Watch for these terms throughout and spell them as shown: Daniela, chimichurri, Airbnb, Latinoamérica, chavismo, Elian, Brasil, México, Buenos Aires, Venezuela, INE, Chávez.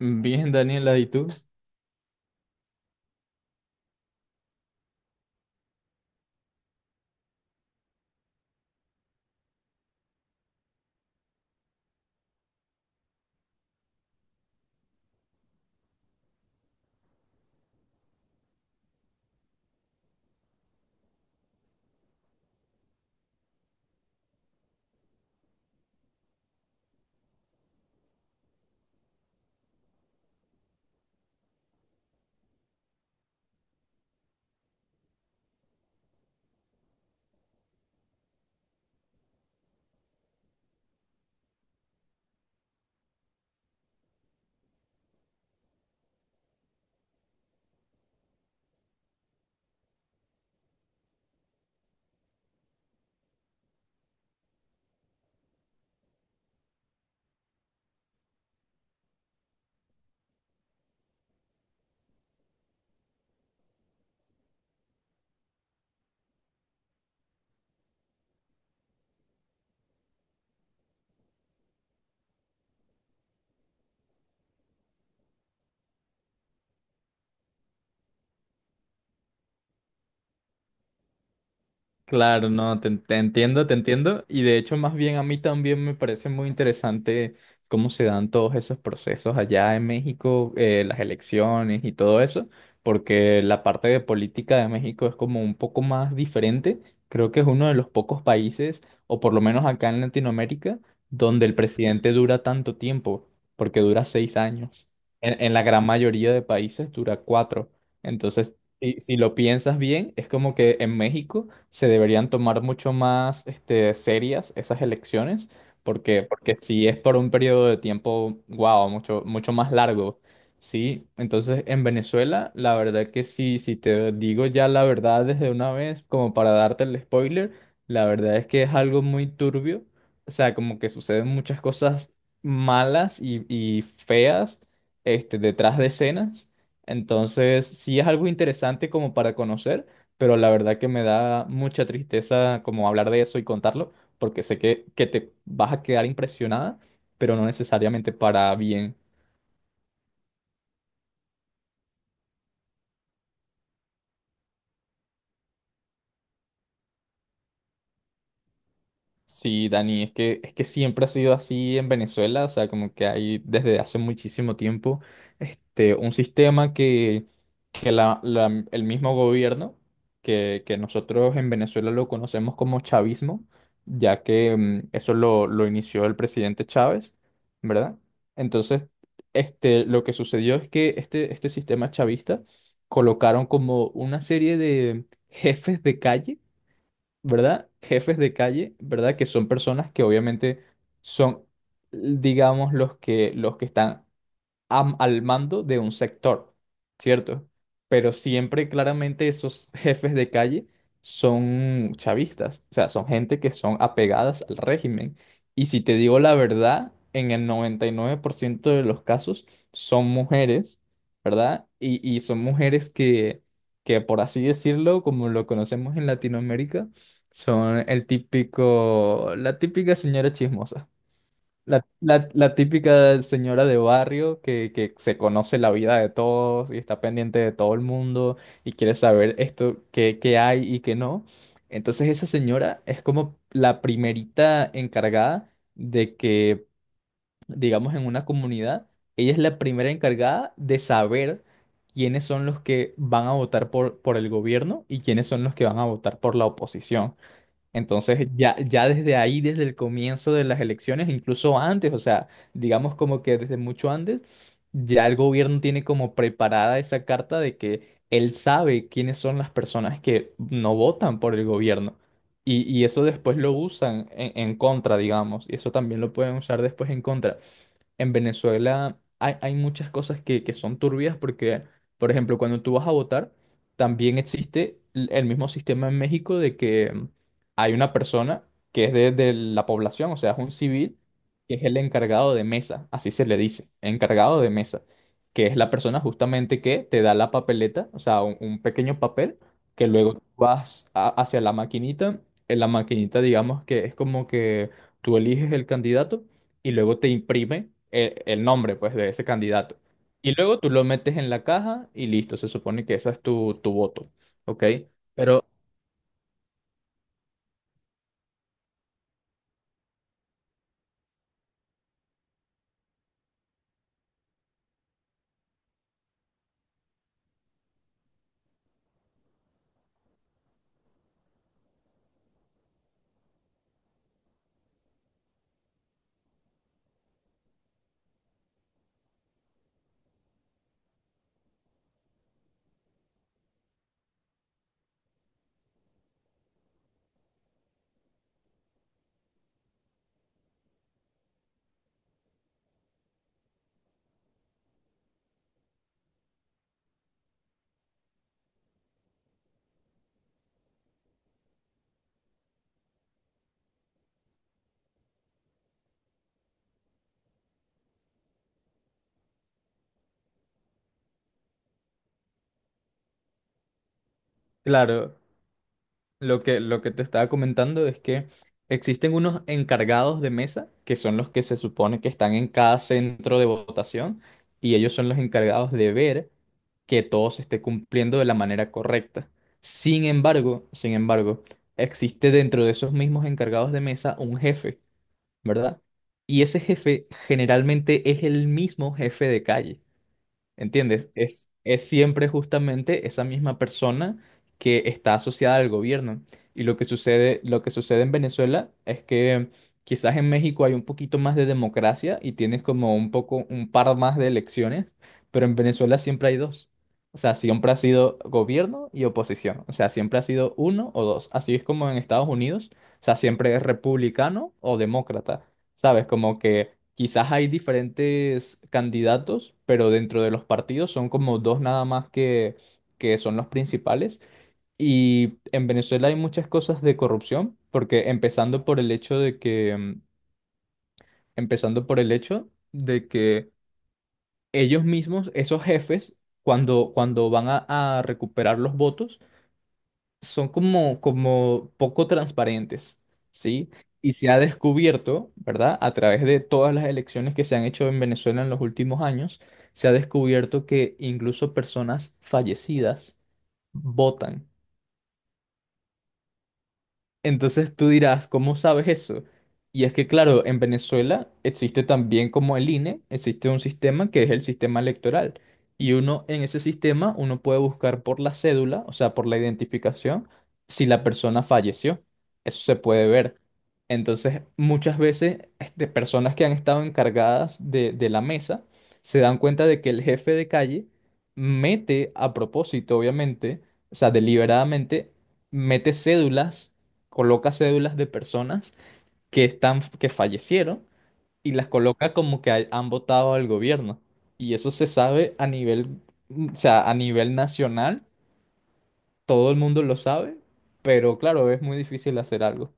Bien, Daniela, ¿y tú? Claro, no, te entiendo, te entiendo. Y de hecho, más bien a mí también me parece muy interesante cómo se dan todos esos procesos allá en México, las elecciones y todo eso, porque la parte de política de México es como un poco más diferente. Creo que es uno de los pocos países, o por lo menos acá en Latinoamérica, donde el presidente dura tanto tiempo, porque dura seis años. En la gran mayoría de países dura cuatro. Entonces, si lo piensas bien, es como que en México se deberían tomar mucho más serias esas elecciones, porque si es por un periodo de tiempo, wow, mucho, mucho más largo, ¿sí? Entonces, en Venezuela, la verdad que sí, si te digo ya la verdad desde una vez, como para darte el spoiler, la verdad es que es algo muy turbio, o sea, como que suceden muchas cosas malas y feas, detrás de escenas. Entonces, sí es algo interesante como para conocer, pero la verdad que me da mucha tristeza como hablar de eso y contarlo, porque sé que te vas a quedar impresionada, pero no necesariamente para bien. Sí, Dani, es que siempre ha sido así en Venezuela, o sea, como que hay desde hace muchísimo tiempo, un sistema que el mismo gobierno, que nosotros en Venezuela lo conocemos como chavismo, ya que eso lo inició el presidente Chávez, ¿verdad? Entonces, lo que sucedió es que este sistema chavista colocaron como una serie de jefes de calle, ¿verdad? Jefes de calle, ¿verdad? Que son personas que obviamente son, digamos, los que están al mando de un sector, ¿cierto? Pero siempre claramente esos jefes de calle son chavistas, o sea, son gente que son apegadas al régimen. Y si te digo la verdad, en el 99% de los casos son mujeres, ¿verdad? Y son mujeres que, por así decirlo, como lo conocemos en Latinoamérica, son el típico, la típica señora chismosa. La típica señora de barrio que se conoce la vida de todos y está pendiente de todo el mundo y quiere saber esto, qué hay y qué no. Entonces esa señora es como la primerita encargada de que, digamos, en una comunidad, ella es la primera encargada de saber quiénes son los que van a votar por el gobierno y quiénes son los que van a votar por la oposición. Entonces, ya desde ahí, desde el comienzo de las elecciones, incluso antes, o sea, digamos como que desde mucho antes, ya el gobierno tiene como preparada esa carta de que él sabe quiénes son las personas que no votan por el gobierno. Y eso después lo usan en contra, digamos, y eso también lo pueden usar después en contra. En Venezuela hay muchas cosas que son turbias porque, por ejemplo, cuando tú vas a votar, también existe el mismo sistema en México de que hay una persona que es de la población, o sea, es un civil, que es el encargado de mesa, así se le dice, encargado de mesa, que es la persona justamente que te da la papeleta, o sea, un pequeño papel, que luego tú vas hacia la maquinita, en la maquinita digamos que es como que tú eliges el candidato y luego te imprime el nombre, pues, de ese candidato. Y luego tú lo metes en la caja y listo, se supone que esa es tu, tu voto, ¿ok? Pero, claro, lo que te estaba comentando es que existen unos encargados de mesa, que son los que se supone que están en cada centro de votación, y ellos son los encargados de ver que todo se esté cumpliendo de la manera correcta. Sin embargo, existe dentro de esos mismos encargados de mesa un jefe, ¿verdad? Y ese jefe generalmente es el mismo jefe de calle. ¿Entiendes? Es siempre justamente esa misma persona que está asociada al gobierno. Y lo que sucede en Venezuela es que quizás en México hay un poquito más de democracia y tienes como un poco, un par más de elecciones, pero en Venezuela siempre hay dos. O sea, siempre ha sido gobierno y oposición. O sea, siempre ha sido uno o dos. Así es como en Estados Unidos. O sea, siempre es republicano o demócrata. ¿Sabes? Como que quizás hay diferentes candidatos, pero dentro de los partidos son como dos nada más que son los principales. Y en Venezuela hay muchas cosas de corrupción, porque empezando por el hecho de que ellos mismos, esos jefes, cuando van a recuperar los votos, son como poco transparentes, ¿sí? Y se ha descubierto, ¿verdad? A través de todas las elecciones que se han hecho en Venezuela en los últimos años, se ha descubierto que incluso personas fallecidas votan. Entonces tú dirás, ¿cómo sabes eso? Y es que, claro, en Venezuela existe también como el INE, existe un sistema que es el sistema electoral. Y uno en ese sistema, uno puede buscar por la cédula, o sea, por la identificación, si la persona falleció. Eso se puede ver. Entonces, muchas veces, personas que han estado encargadas de la mesa se dan cuenta de que el jefe de calle mete a propósito, obviamente, o sea, deliberadamente, mete cédulas coloca cédulas de personas que están, que fallecieron y las coloca como que han votado al gobierno. Y eso se sabe a nivel, o sea, a nivel nacional, todo el mundo lo sabe, pero claro, es muy difícil hacer algo.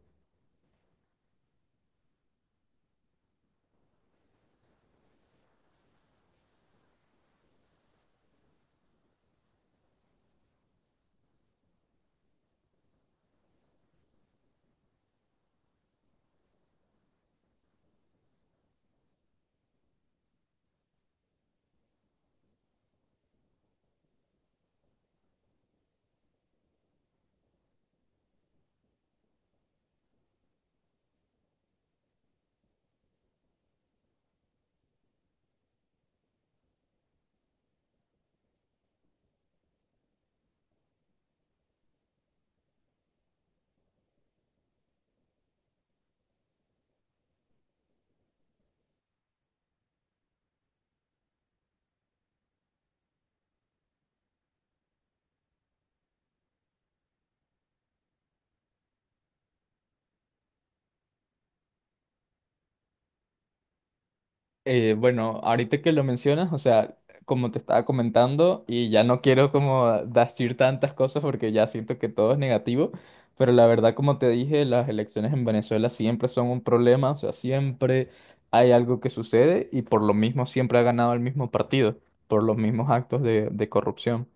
Bueno, ahorita que lo mencionas, o sea, como te estaba comentando, y ya no quiero como decir tantas cosas porque ya siento que todo es negativo, pero la verdad, como te dije, las elecciones en Venezuela siempre son un problema, o sea, siempre hay algo que sucede y por lo mismo siempre ha ganado el mismo partido, por los mismos actos de corrupción.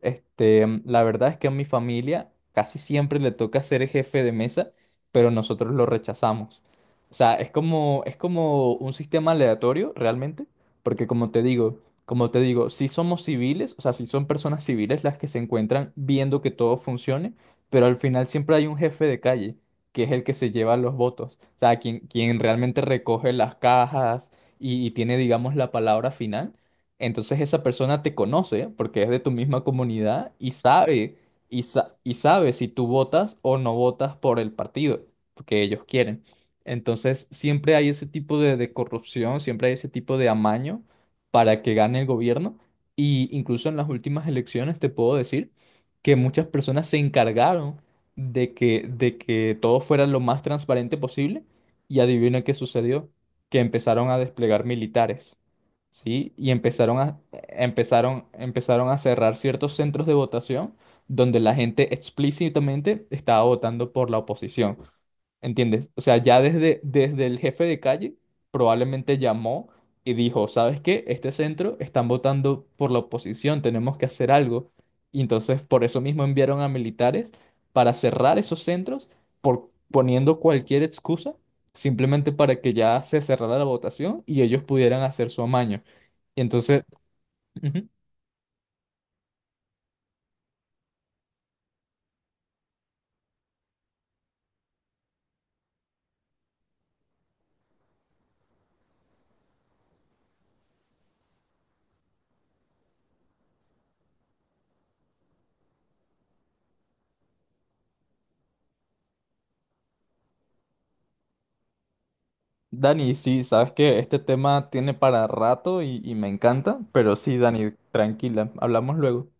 La verdad es que a mi familia casi siempre le toca ser el jefe de mesa, pero nosotros lo rechazamos. O sea, es como un sistema aleatorio realmente, porque como te digo, si somos civiles, o sea, si son personas civiles las que se encuentran viendo que todo funcione, pero al final siempre hay un jefe de calle, que es el que se lleva los votos, o sea, quien, quien realmente recoge las cajas y tiene, digamos, la palabra final. Entonces esa persona te conoce porque es de tu misma comunidad y sabe, y sabe si tú votas o no votas por el partido que ellos quieren. Entonces, siempre hay ese tipo de corrupción, siempre hay ese tipo de amaño para que gane el gobierno. Y incluso en las últimas elecciones te puedo decir que muchas personas se encargaron de que todo fuera lo más transparente posible. Y adivina qué sucedió, que empezaron a desplegar militares, ¿sí? Y empezaron a cerrar ciertos centros de votación donde la gente explícitamente estaba votando por la oposición. ¿Entiendes? O sea, ya desde el jefe de calle probablemente llamó y dijo, ¿sabes qué? Este centro están votando por la oposición, tenemos que hacer algo. Y entonces por eso mismo enviaron a militares para cerrar esos centros por poniendo cualquier excusa, simplemente para que ya se cerrara la votación y ellos pudieran hacer su amaño. Y entonces, ujú. Dani, sí, sabes que este tema tiene para rato y me encanta, pero sí, Dani, tranquila, hablamos luego.